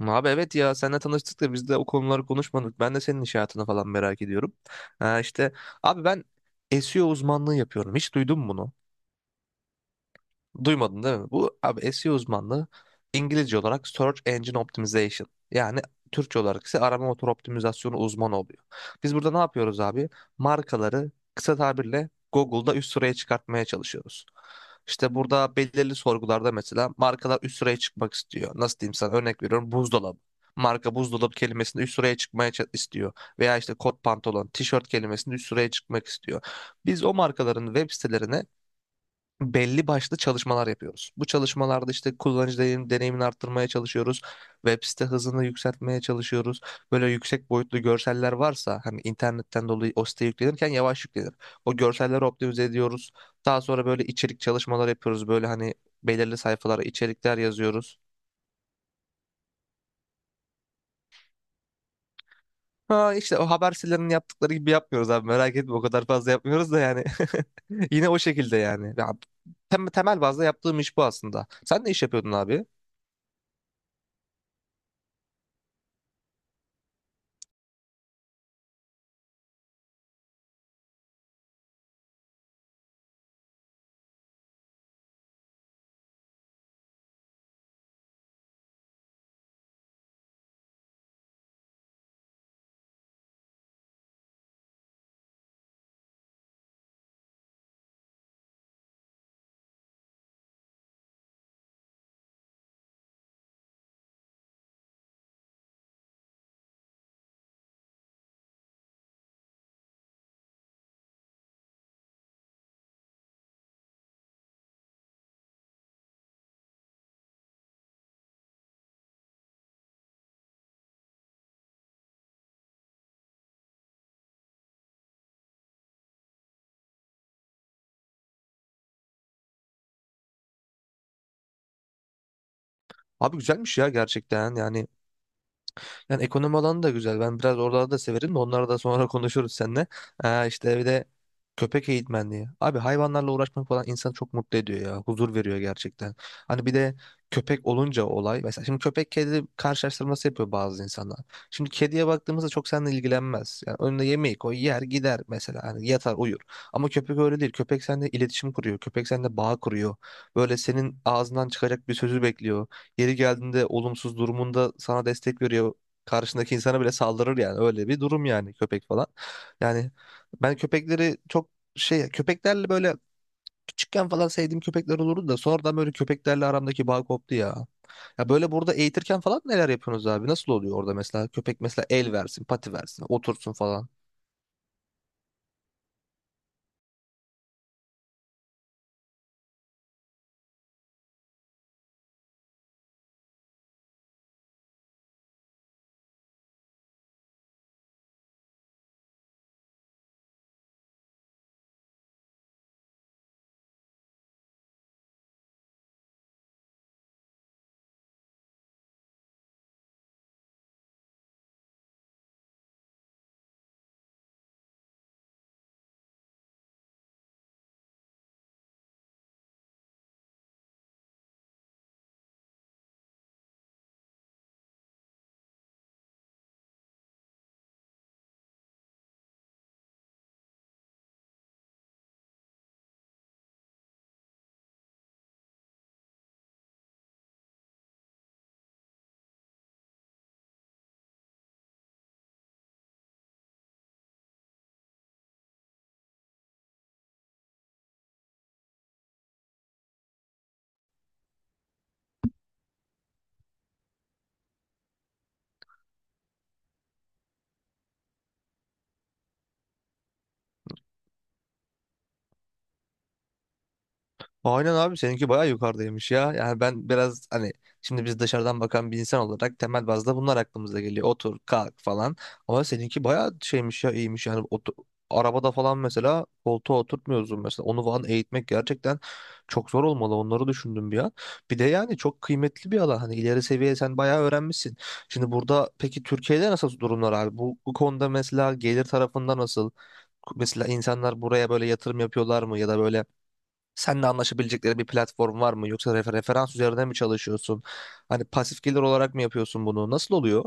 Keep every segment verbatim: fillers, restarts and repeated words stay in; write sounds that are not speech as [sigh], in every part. Abi, evet ya, seninle tanıştık da biz de o konuları konuşmadık. Ben de senin iş hayatını falan merak ediyorum. Ha, işte abi ben S E O uzmanlığı yapıyorum. Hiç duydun mu bunu? Duymadın değil mi? Bu abi S E O uzmanlığı İngilizce olarak Search Engine Optimization. Yani Türkçe olarak ise arama motoru optimizasyonu uzmanı oluyor. Biz burada ne yapıyoruz abi? Markaları kısa tabirle Google'da üst sıraya çıkartmaya çalışıyoruz. İşte burada belirli sorgularda mesela markalar üst sıraya çıkmak istiyor. Nasıl diyeyim sana, örnek veriyorum, buzdolabı. Marka buzdolabı kelimesinde üst sıraya çıkmaya ça- istiyor. Veya işte kot pantolon, tişört kelimesinde üst sıraya çıkmak istiyor. Biz o markaların web sitelerine belli başlı çalışmalar yapıyoruz. Bu çalışmalarda işte kullanıcı deneyim- deneyimini arttırmaya çalışıyoruz. Web site hızını yükseltmeye çalışıyoruz. Böyle yüksek boyutlu görseller varsa hani internetten dolayı o siteye yüklenirken yavaş yüklenir. O görselleri optimize ediyoruz. Daha sonra böyle içerik çalışmalar yapıyoruz. Böyle hani belirli sayfalara içerikler yazıyoruz. Ha işte o haber sitelerinin yaptıkları gibi yapmıyoruz abi, merak etme, o kadar fazla yapmıyoruz da yani. [laughs] Yine o şekilde yani. Ya, tem- temel bazda yaptığım iş bu aslında. Sen ne iş yapıyordun abi? Abi güzelmiş ya gerçekten, yani yani ekonomi alanı da güzel. Ben biraz oralarda da severim de, onları da sonra [laughs] konuşuruz seninle. Ee, işte bir de köpek eğitmenliği. Abi hayvanlarla uğraşmak falan insanı çok mutlu ediyor ya. Huzur veriyor gerçekten. Hani bir de köpek olunca olay. Mesela şimdi köpek kedi karşılaştırması yapıyor bazı insanlar. Şimdi kediye baktığımızda çok seninle ilgilenmez. Yani önüne yemeği koy yer gider mesela. Hani yatar uyur. Ama köpek öyle değil. Köpek seninle iletişim kuruyor. Köpek seninle bağ kuruyor. Böyle senin ağzından çıkacak bir sözü bekliyor. Yeri geldiğinde olumsuz durumunda sana destek veriyor. Karşındaki insana bile saldırır yani. Öyle bir durum yani, köpek falan. Yani ben köpekleri çok şey köpeklerle böyle küçükken falan sevdiğim köpekler olurdu da sonradan böyle köpeklerle aramdaki bağ koptu ya. Ya böyle burada eğitirken falan neler yapıyorsunuz abi? Nasıl oluyor orada mesela? Köpek mesela el versin, pati versin, otursun falan. Aynen abi, seninki bayağı yukarıdaymış ya. Yani ben biraz hani, şimdi biz dışarıdan bakan bir insan olarak temel bazda bunlar aklımıza geliyor. Otur, kalk falan. Ama seninki bayağı şeymiş ya, iyiymiş yani. Otu- arabada falan mesela koltuğa oturtmuyorsun mesela. Onu falan eğitmek gerçekten çok zor olmalı. Onları düşündüm bir an. Bir de yani çok kıymetli bir alan. Hani ileri seviye, sen bayağı öğrenmişsin. Şimdi burada peki Türkiye'de nasıl durumlar abi? Bu, bu konuda mesela gelir tarafında nasıl? Mesela insanlar buraya böyle yatırım yapıyorlar mı, ya da böyle seninle anlaşabilecekleri bir platform var mı? Yoksa refer- referans üzerine mi çalışıyorsun? Hani pasif gelir olarak mı yapıyorsun bunu? Nasıl oluyor?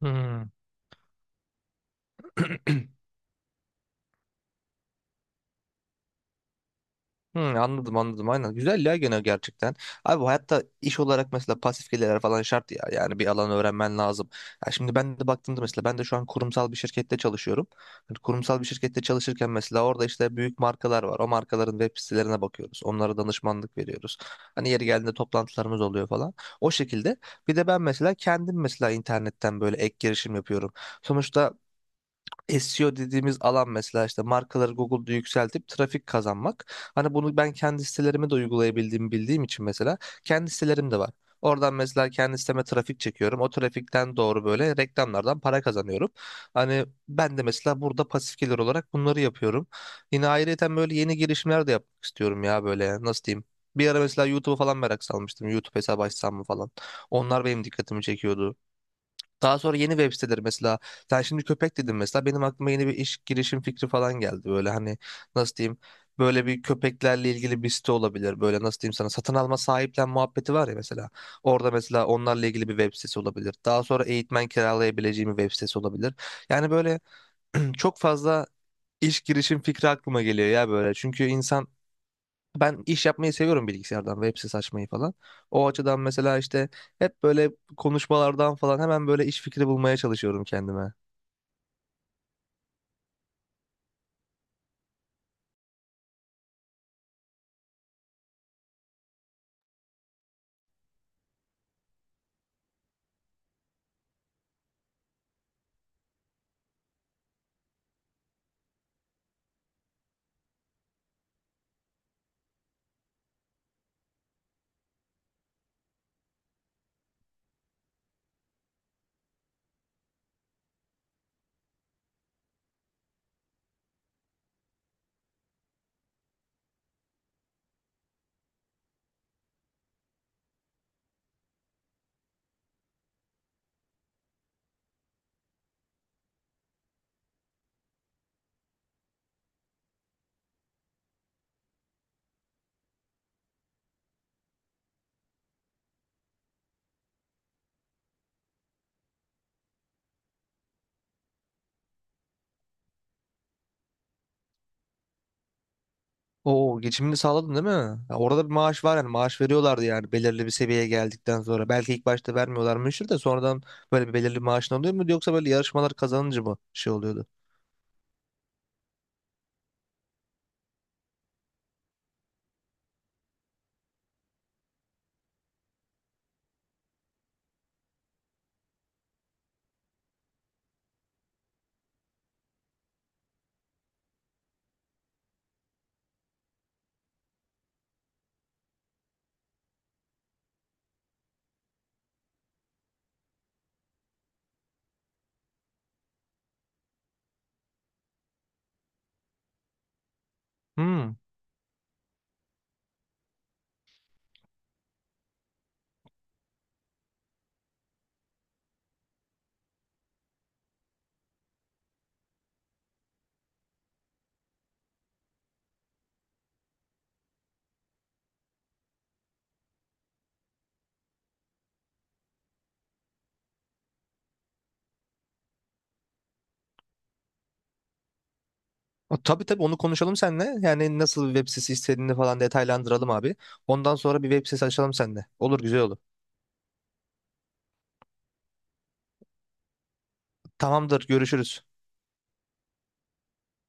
Hmm. [clears throat] Hı, anladım anladım aynen. Güzel ya, gene gerçekten. Abi bu hayatta iş olarak mesela pasif gelirler falan şart ya. Yani bir alan öğrenmen lazım. Ya şimdi ben de baktığımda mesela, ben de şu an kurumsal bir şirkette çalışıyorum. Hani kurumsal bir şirkette çalışırken mesela orada işte büyük markalar var. O markaların web sitelerine bakıyoruz. Onlara danışmanlık veriyoruz. Hani yeri geldiğinde toplantılarımız oluyor falan. O şekilde. Bir de ben mesela kendim, mesela internetten böyle ek girişim yapıyorum. Sonuçta S E O dediğimiz alan mesela işte markaları Google'da yükseltip trafik kazanmak. Hani bunu ben kendi sitelerime de uygulayabildiğimi bildiğim için mesela kendi sitelerim de var. Oradan mesela kendi siteme trafik çekiyorum. O trafikten doğru böyle reklamlardan para kazanıyorum. Hani ben de mesela burada pasif gelir olarak bunları yapıyorum. Yine ayrıyeten böyle yeni girişimler de yapmak istiyorum ya, böyle nasıl diyeyim. Bir ara mesela YouTube'u falan merak salmıştım. YouTube hesabı açsam mı falan. Onlar benim dikkatimi çekiyordu. Daha sonra yeni web siteleri mesela, sen şimdi köpek dedin mesela benim aklıma yeni bir iş girişim fikri falan geldi. Böyle hani nasıl diyeyim, böyle bir köpeklerle ilgili bir site olabilir. Böyle nasıl diyeyim sana, satın alma sahiplen muhabbeti var ya mesela. Orada mesela onlarla ilgili bir web sitesi olabilir. Daha sonra eğitmen kiralayabileceğim bir web sitesi olabilir. Yani böyle [clears throat] çok fazla iş girişim fikri aklıma geliyor ya böyle. Çünkü insan, ben iş yapmayı seviyorum, bilgisayardan web sitesi açmayı falan. O açıdan mesela işte hep böyle konuşmalardan falan hemen böyle iş fikri bulmaya çalışıyorum kendime. Oo, geçimini sağladın değil mi? Ya orada bir maaş var yani, maaş veriyorlardı yani belirli bir seviyeye geldikten sonra. Belki ilk başta vermiyorlarmıştır da sonradan böyle bir belirli maaşın oluyor mu, yoksa böyle yarışmalar kazanınca mı şey oluyordu? Hmm. O, tabii tabii, onu konuşalım seninle. Yani nasıl bir web sitesi istediğini falan detaylandıralım abi. Ondan sonra bir web sitesi açalım seninle. Olur, güzel olur. Tamamdır, görüşürüz.